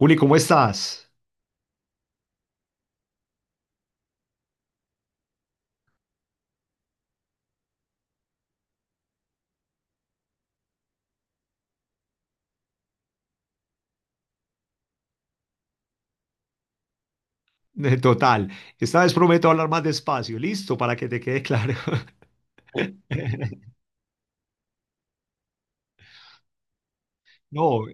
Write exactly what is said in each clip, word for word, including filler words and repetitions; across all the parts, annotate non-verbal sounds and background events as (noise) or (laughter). Juli, ¿cómo estás? (laughs) Total, esta vez prometo hablar más despacio, listo, para que te quede claro. (laughs) No,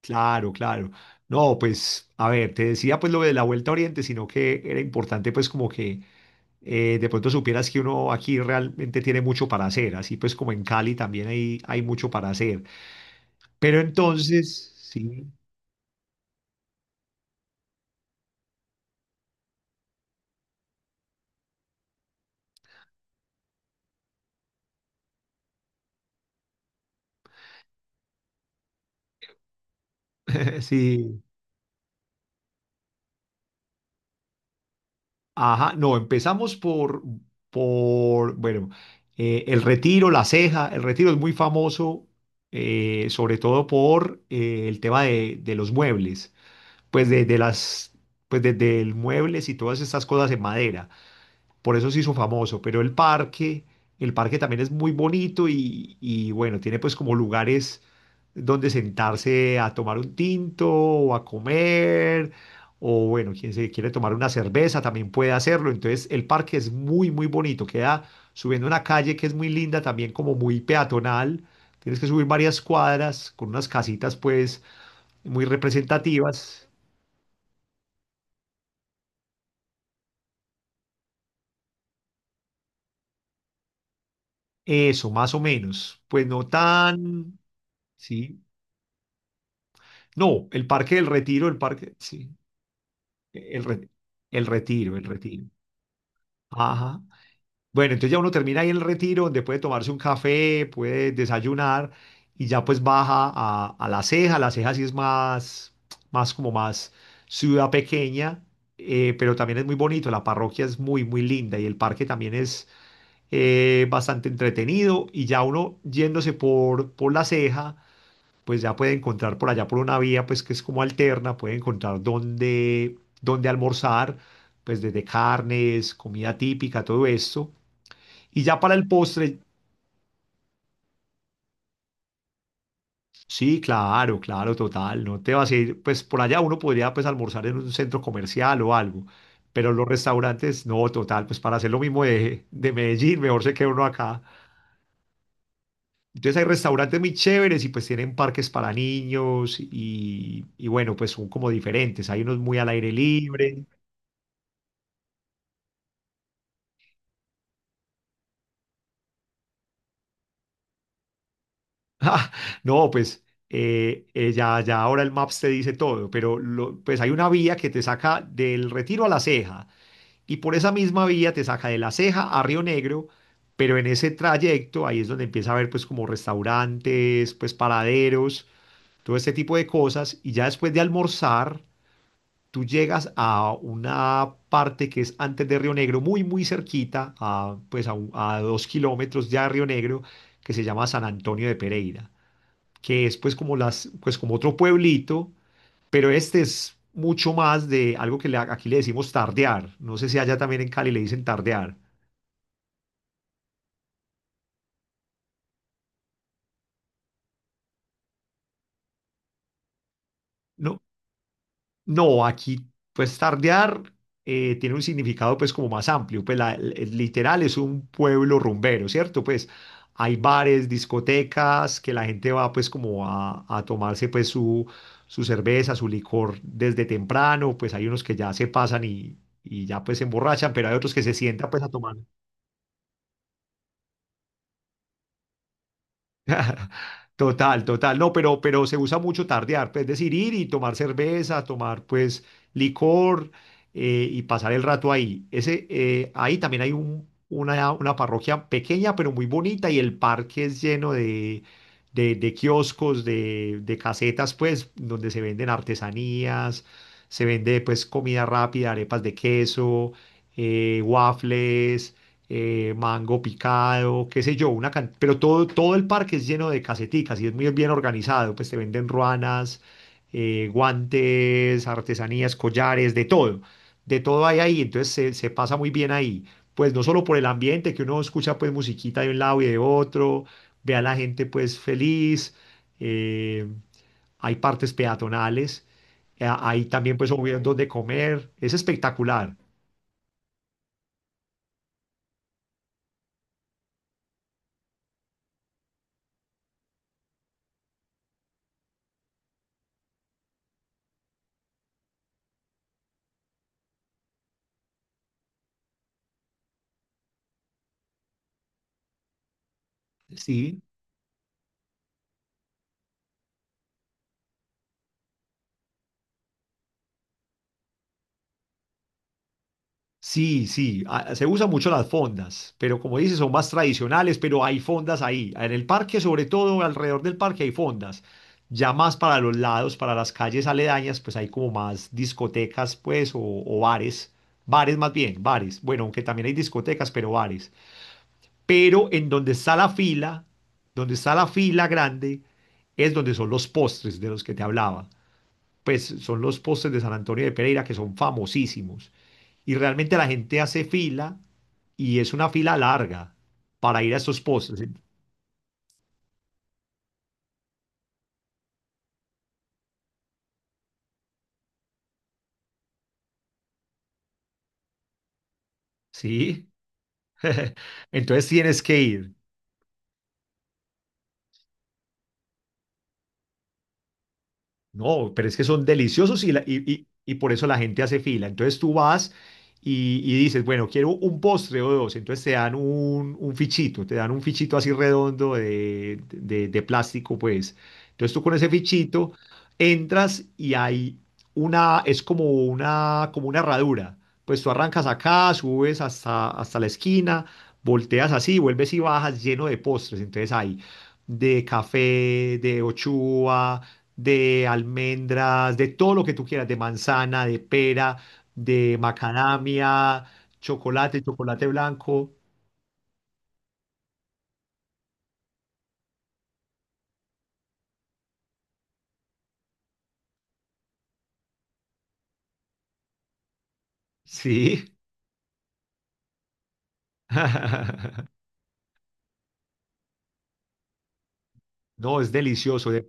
claro, claro. No, pues, a ver, te decía pues lo de la Vuelta a Oriente, sino que era importante pues como que eh, de pronto supieras que uno aquí realmente tiene mucho para hacer, así pues como en Cali también hay, hay mucho para hacer. Pero entonces, sí, (laughs) sí, ajá, no, empezamos por, por bueno, eh, el Retiro, La Ceja. El Retiro es muy famoso, eh, sobre todo por eh, el tema de, de los muebles, pues de, de las, pues de, de muebles y todas estas cosas en madera, por eso se hizo famoso, pero el parque, el parque también es muy bonito y, y bueno, tiene pues como lugares donde sentarse a tomar un tinto o a comer, o bueno, quien se quiere tomar una cerveza también puede hacerlo, entonces el parque es muy, muy bonito, queda subiendo una calle que es muy linda, también como muy peatonal, tienes que subir varias cuadras con unas casitas pues muy representativas, eso, más o menos, pues no tan... Sí, no, el Parque del Retiro, el Parque, sí, el, re- el Retiro, el Retiro. Ajá. Bueno, entonces ya uno termina ahí en el Retiro, donde puede tomarse un café, puede desayunar y ya pues baja a, a La Ceja. La Ceja sí es más, más como más ciudad pequeña, eh, pero también es muy bonito, la parroquia es muy, muy linda y el parque también es eh, bastante entretenido y ya uno yéndose por, por La Ceja pues ya puede encontrar por allá por una vía, pues que es como alterna, puede encontrar dónde, dónde almorzar, pues desde carnes, comida típica, todo esto. Y ya para el postre, sí, claro, claro, total, no te vas a ir, pues por allá uno podría pues almorzar en un centro comercial o algo, pero los restaurantes, no, total, pues para hacer lo mismo de, de Medellín, mejor se queda uno acá. Entonces hay restaurantes muy chéveres y pues tienen parques para niños y, y bueno, pues son como diferentes. Hay unos muy al aire libre. Ah, no, pues eh, eh, ya, ya ahora el Maps te dice todo, pero lo- pues hay una vía que te saca del Retiro a La Ceja y por esa misma vía te saca de La Ceja a Río Negro, pero en ese trayecto ahí es donde empieza a haber pues como restaurantes, pues paraderos, todo este tipo de cosas y ya después de almorzar tú llegas a una parte que es antes de Río Negro, muy muy cerquita, a, pues a, un- a dos kilómetros ya de Río Negro, que se llama San Antonio de Pereira, que es pues como las, pues como otro pueblito, pero este es mucho más de algo que le- aquí le decimos tardear. No sé si allá también en Cali le dicen tardear. No, no, aquí pues tardear eh, tiene un significado pues como más amplio, pues la- el- el literal es un pueblo rumbero, ¿cierto? Pues hay bares, discotecas, que la gente va pues como a, a tomarse pues su, su cerveza, su licor desde temprano, pues hay unos que ya se pasan y, y ya pues se emborrachan, pero hay otros que se sientan pues a tomar. Total, total. No, pero, pero se usa mucho tardear, pues, es decir, ir y tomar cerveza, tomar pues licor, eh, y pasar el rato ahí. Ese, eh, ahí también hay un- una, una parroquia pequeña, pero muy bonita y el parque es lleno de, de, de kioscos, de, de casetas, pues, donde se venden artesanías, se vende pues comida rápida, arepas de queso, eh, waffles, eh, mango picado, qué sé yo, una can- pero todo, todo el parque es lleno de caseticas y es muy bien organizado, pues te venden ruanas, eh, guantes, artesanías, collares, de todo, de todo hay ahí, entonces se, se pasa muy bien ahí, pues no solo por el ambiente, que uno escucha pues musiquita de un lado y de otro, ve a la gente pues feliz, eh, hay partes peatonales, eh, hay también pues obvio donde comer, es espectacular, sí. Sí, sí, ah, se usan mucho las fondas, pero como dices, son más tradicionales, pero hay fondas ahí. En el parque, sobre todo, alrededor del parque hay fondas. Ya más para los lados, para las calles aledañas, pues hay como más discotecas, pues, o, o bares. Bares más bien, bares. Bueno, aunque también hay discotecas, pero bares. Pero en donde está la fila, donde está la fila grande, es donde son los postres de los que te hablaba. Pues son los postres de San Antonio de Pereira que son famosísimos. Y realmente la gente hace fila y es una fila larga para ir a esos postes. ¿Sí? (laughs) Entonces tienes que ir. No, pero es que son deliciosos y, la- y, y- y por eso la gente hace fila. Entonces tú vas y, y dices, bueno, quiero un postre o dos. Entonces te dan un, un fichito, te dan un fichito así redondo de, de- de plástico, pues. Entonces tú con ese fichito entras y hay una, es como una, como una herradura. Pues tú arrancas acá, subes hasta, hasta la esquina, volteas así, vuelves y bajas lleno de postres. Entonces ahí de café, de ochuva, de almendras, de todo lo que tú quieras, de manzana, de pera, de macadamia, chocolate, chocolate blanco. Sí. (laughs) No, es delicioso. de-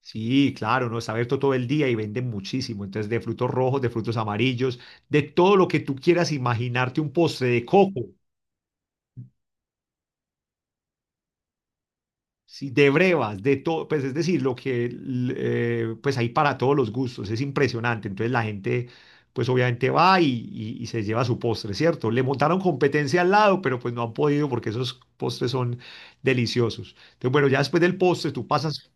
Sí, claro, no, está abierto todo el día y venden muchísimo. Entonces, de frutos rojos, de frutos amarillos, de todo lo que tú quieras imaginarte, un postre de coco. Sí, de brevas, de todo, pues es decir, lo que eh, pues hay para todos los gustos, es impresionante. Entonces la gente pues obviamente va y, y- y se lleva su postre, ¿cierto? Le montaron competencia al lado, pero pues no han podido porque esos postres son deliciosos. Entonces bueno, ya después del postre tú pasas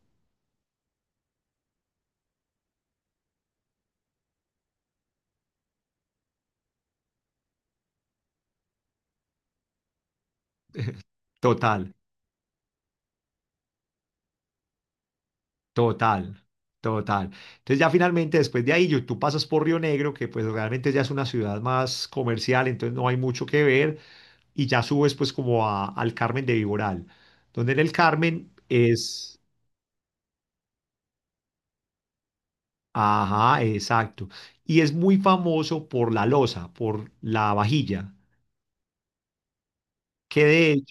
total, total, total. Entonces ya finalmente después de ahí yo- tú pasas por Río Negro, que pues realmente ya es una ciudad más comercial, entonces no hay mucho que ver y ya subes pues como a- al Carmen de Viboral, donde en el Carmen es, ajá, exacto, y es muy famoso por la loza, por la vajilla, que de...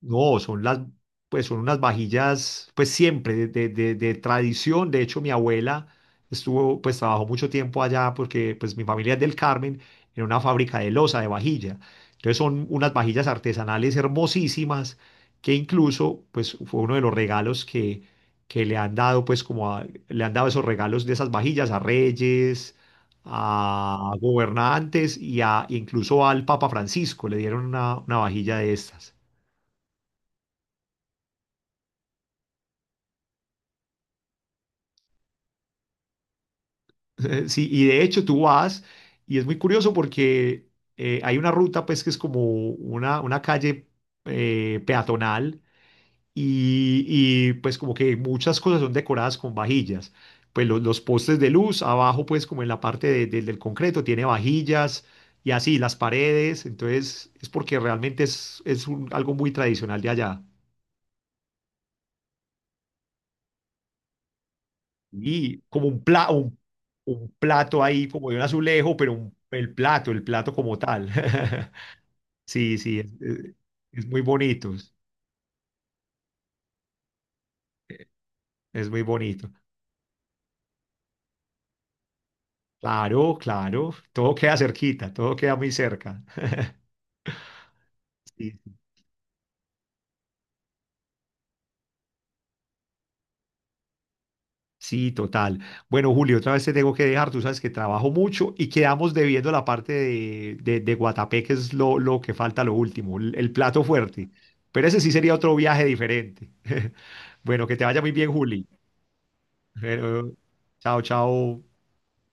No, son las, pues son unas vajillas, pues siempre de, de- de- de tradición. De hecho, mi abuela estuvo, pues trabajó mucho tiempo allá porque pues mi familia es del Carmen, en una fábrica de loza, de vajilla. Entonces son unas vajillas artesanales hermosísimas que incluso, pues fue uno de los regalos que, que le han dado, pues como a- le han dado esos regalos de esas vajillas a reyes, a gobernantes y a incluso al Papa Francisco le dieron una, una vajilla de estas. (laughs) Sí, y de hecho tú vas, y es muy curioso porque eh, hay una ruta, pues, que es como una, una calle eh, peatonal, y, y, pues como que muchas cosas son decoradas con vajillas. Pues los, los postes de luz, abajo, pues como en la parte de- de- del concreto, tiene vajillas y así las paredes. Entonces, es porque realmente es, es un- algo muy tradicional de allá. Y como un, pla- un, un plato ahí, como de un azulejo, pero un- el plato, el plato como tal. (laughs) Sí, sí, es, es- es muy bonito, es muy bonito. Claro, claro, todo queda cerquita, todo queda muy cerca. Sí, sí, total. Bueno, Julio, otra vez te tengo que dejar, tú sabes que trabajo mucho y quedamos debiendo la parte de, de, de Guatapé, que es lo, lo que falta, lo último, el, el plato fuerte. Pero ese sí sería otro viaje diferente. (laughs) Bueno, que te vaya muy bien, Juli. Pero, chao, chao.